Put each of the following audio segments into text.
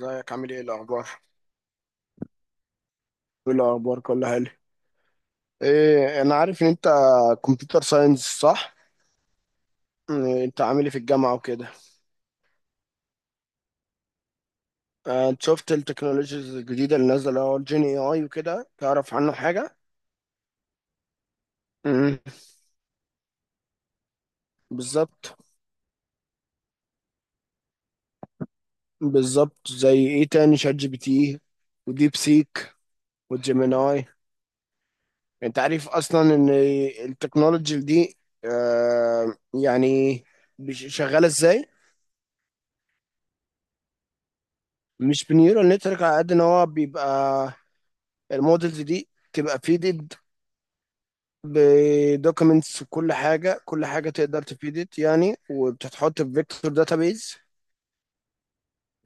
ازيك؟ عامل ايه؟ الاخبار؟ ايه الاخبار؟ كله حلو. ايه، انا عارف ان انت كمبيوتر ساينس، صح؟ إيه، انت عامل ايه في الجامعه وكده؟ آه، انت شفت التكنولوجيز الجديده اللي نازله، اللي هو الجين اي اي وكده؟ تعرف عنه حاجه؟ امم. بالظبط. بالظبط، زي ايه تاني؟ شات جي بي تي وديب سيك وجيميناي. انت عارف اصلا ان التكنولوجي دي آه، يعني شغاله ازاي؟ مش بنيورال نتورك، على قد ان هو بيبقى المودلز دي تبقى فيدد بدوكيمنتس، وكل حاجه كل حاجه تقدر تفيدت يعني، وبتتحط في فيكتور داتابيز.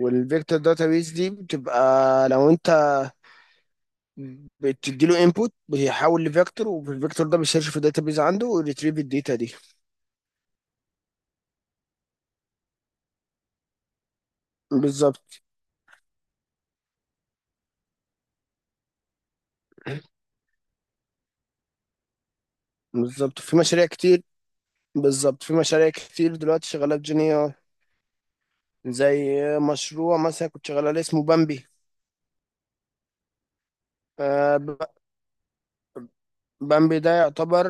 والفيكتور داتابيز دي بتبقى، لو انت بتدي له انبوت بيحول لفيكتور، والفيكتور ده بيسيرش في الداتابيز عنده ويريتريف الداتا دي. بالظبط. بالظبط في مشاريع كتير بالظبط في مشاريع كتير دلوقتي شغاله بجينيا. زي مشروع مثلا كنت شغال عليه اسمه بامبي. بامبي ده يعتبر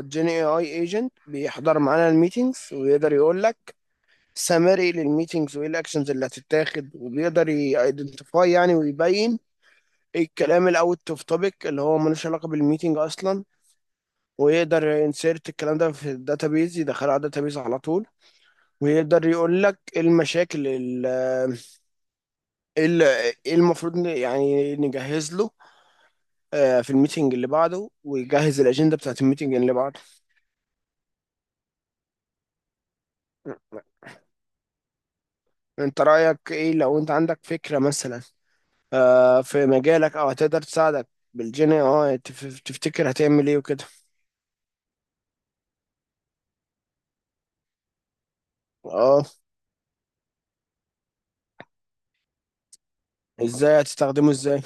جين اي اي ايجنت، بيحضر معانا الميتينجز ويقدر يقول لك سمري للميتينجز، وايه الاكشنز اللي هتتاخد، وبيقدر يايدنتيفاي يعني ويبين ايه الكلام الاوت اوف توبيك اللي هو ملوش علاقه بالميتينج اصلا، ويقدر ينسيرت الكلام ده في الداتابيز، يدخله على الداتابيز على طول. ويقدر يقول لك ايه المشاكل ال- ايه المفروض يعني نجهز له في الميتينج اللي بعده، ويجهز الاجنده بتاعت الميتينج اللي بعده. انت رأيك ايه، لو انت عندك فكرة مثلا في مجالك، او هتقدر تساعدك بالجين، تفتكر هتعمل ايه وكده؟ اه. ازاي هتستخدمه، ازاي؟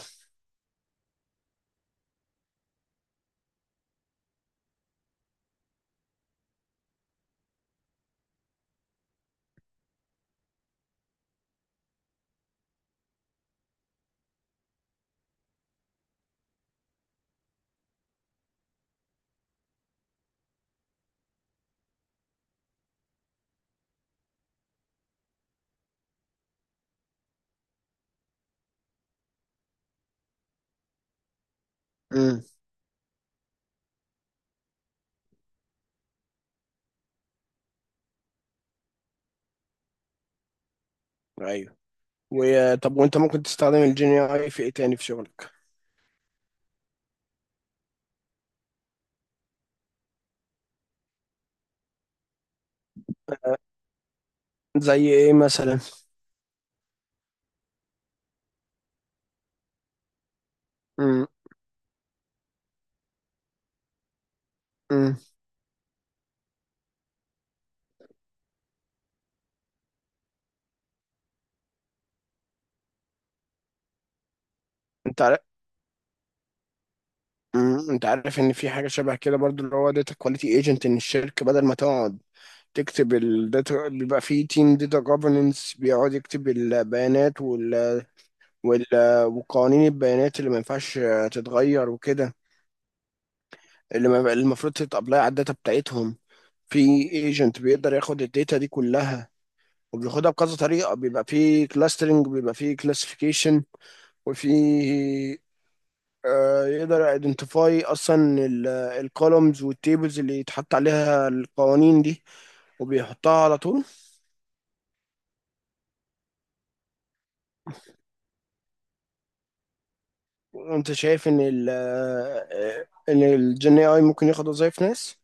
امم. ايوه. وطب، وانت ممكن تستخدم الجين اي في ايه تاني في شغلك؟ زي ايه مثلا؟ امم. امم، انت عارف. امم، انت عارف ان في حاجة شبه كده برضو، اللي هو داتا كواليتي ايجنت، ان الشركة بدل ما تقعد تكتب الداتا، بيبقى في تيم داتا جوفرنس بيقعد يكتب البيانات وال- وقوانين البيانات اللي ما ينفعش تتغير وكده، اللي ما- اللي المفروض تتابلاي على الداتا بتاعتهم. في ايجنت بيقدر ياخد الداتا دي كلها وبياخدها بكذا طريقة، بيبقى في كلاسترنج، بيبقى في كلاسيفيكيشن، وفي يقدر ايدنتيفاي اصلا الكولومز والتيبلز اللي يتحط عليها القوانين دي، وبيحطها على طول. انت شايف ان ال آه، ان الجن اي ممكن ياخد وظايف ناس،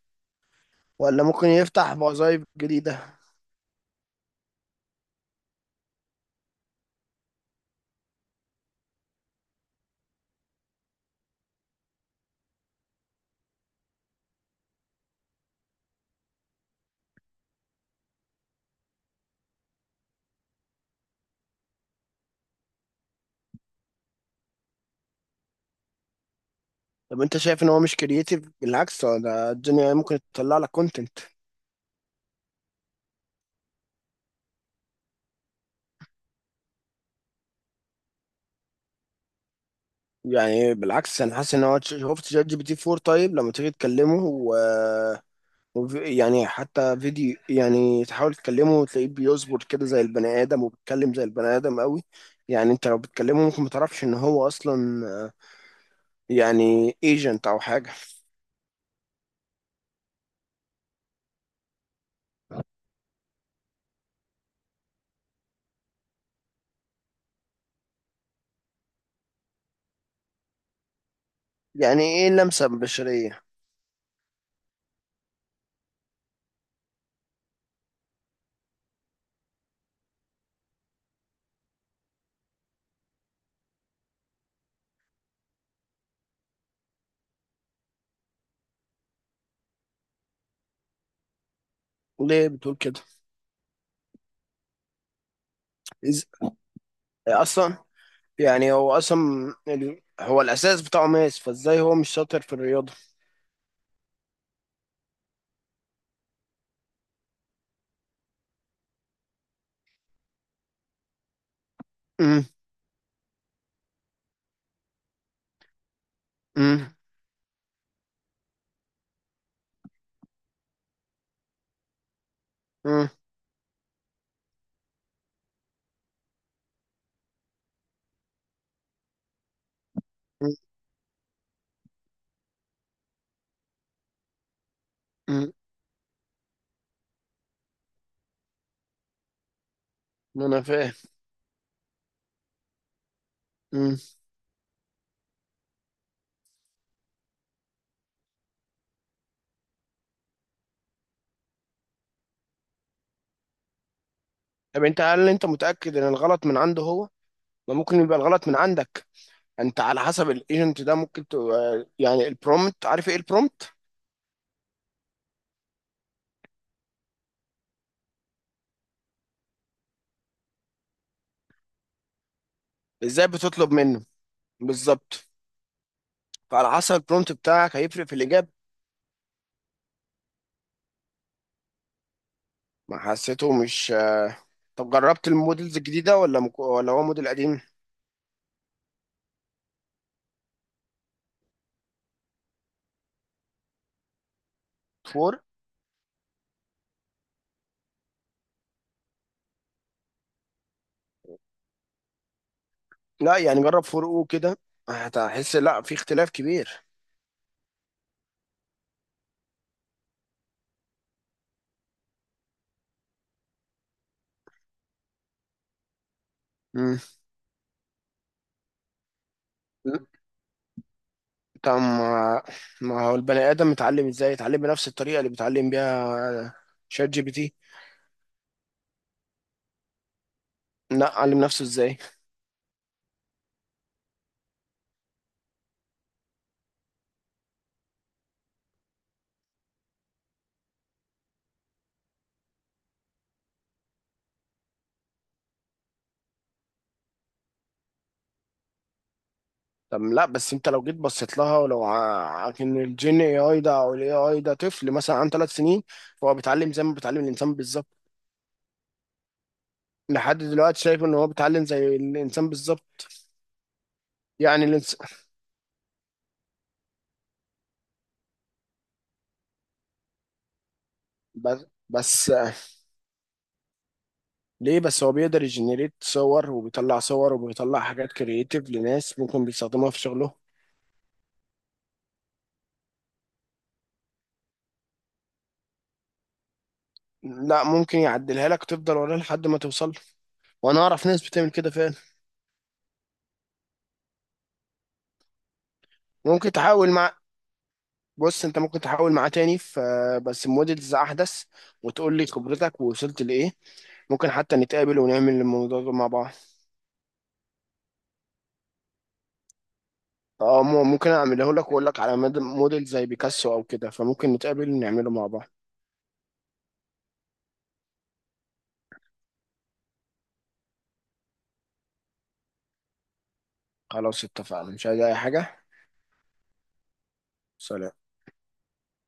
ولا ممكن يفتح وظايف جديدة؟ طب انت شايف ان هو مش كرييتيف؟ بالعكس، هو ده الدنيا، ممكن تطلع لك كونتنت. يعني بالعكس، انا حاسس ان هو، شفت شات جي بي تي 4؟ طيب لما تيجي تكلمه يعني حتى فيديو، يعني تحاول تكلمه وتلاقيه بيصبر كده زي البني ادم، وبيتكلم زي البني ادم قوي. يعني انت لو بتكلمه ممكن ما تعرفش ان هو اصلا يعني ايجنت او حاجه. يعني ايه اللمسه البشريه؟ ليه بتقول كده؟ إز... اصلا، يعني هو اصلا هو الاساس بتاعه ماس، فازاي هو مش شاطر في الرياضه؟ مم. مم. مم. مم. مم. انا فاهم. مم. طب انت، هل انت متأكد ان الغلط من عنده هو؟ ما ممكن يبقى الغلط من عندك. انت على حسب الايجنت ده، ممكن تبقى يعني البرومت، عارف ايه البرومت؟ ازاي بتطلب منه؟ بالظبط. فعلى حسب البرومت بتاعك هيفرق في الاجابة. ما حسيته مش. طب جربت المودلز الجديدة ولا ولا هو موديل قديم؟ فور. لا يعني جرب فور او كده، هتحس لا، في اختلاف كبير. مم. طب ما، ما هو البني ادم متعلم ازاي؟ يتعلم بنفس الطريقه اللي بيتعلم بيها شات جي بي تي. لا، علم نفسه ازاي؟ طب لا بس انت لو جيت بصيت لها، ولو ان الجين اي اي ده او الاي اي ده طفل مثلا عن 3 سنين، فهو بيتعلم زي ما بيتعلم الانسان بالظبط. لحد دلوقتي شايف ان هو بيتعلم زي الانسان بالظبط. يعني الانس... بس بس ليه بس هو بيقدر يجنريت صور، وبيطلع صور، وبيطلع حاجات كرييتيف لناس ممكن بيستخدموها في شغلهم؟ لا، ممكن يعدلها لك تفضل وراه لحد ما توصل له. وانا اعرف ناس بتعمل كده فعلا. ممكن تحاول مع بص، انت ممكن تحاول معاه تاني، ف بس موديلز احدث، وتقول لي خبرتك ووصلت لايه. ممكن حتى نتقابل ونعمل الموضوع ده مع بعض. اه، ممكن اعمله لك واقول لك على موديل زي بيكاسو او كده، فممكن نتقابل ونعمله مع بعض. خلاص، اتفقنا. مش عايز اي حاجة. سلام.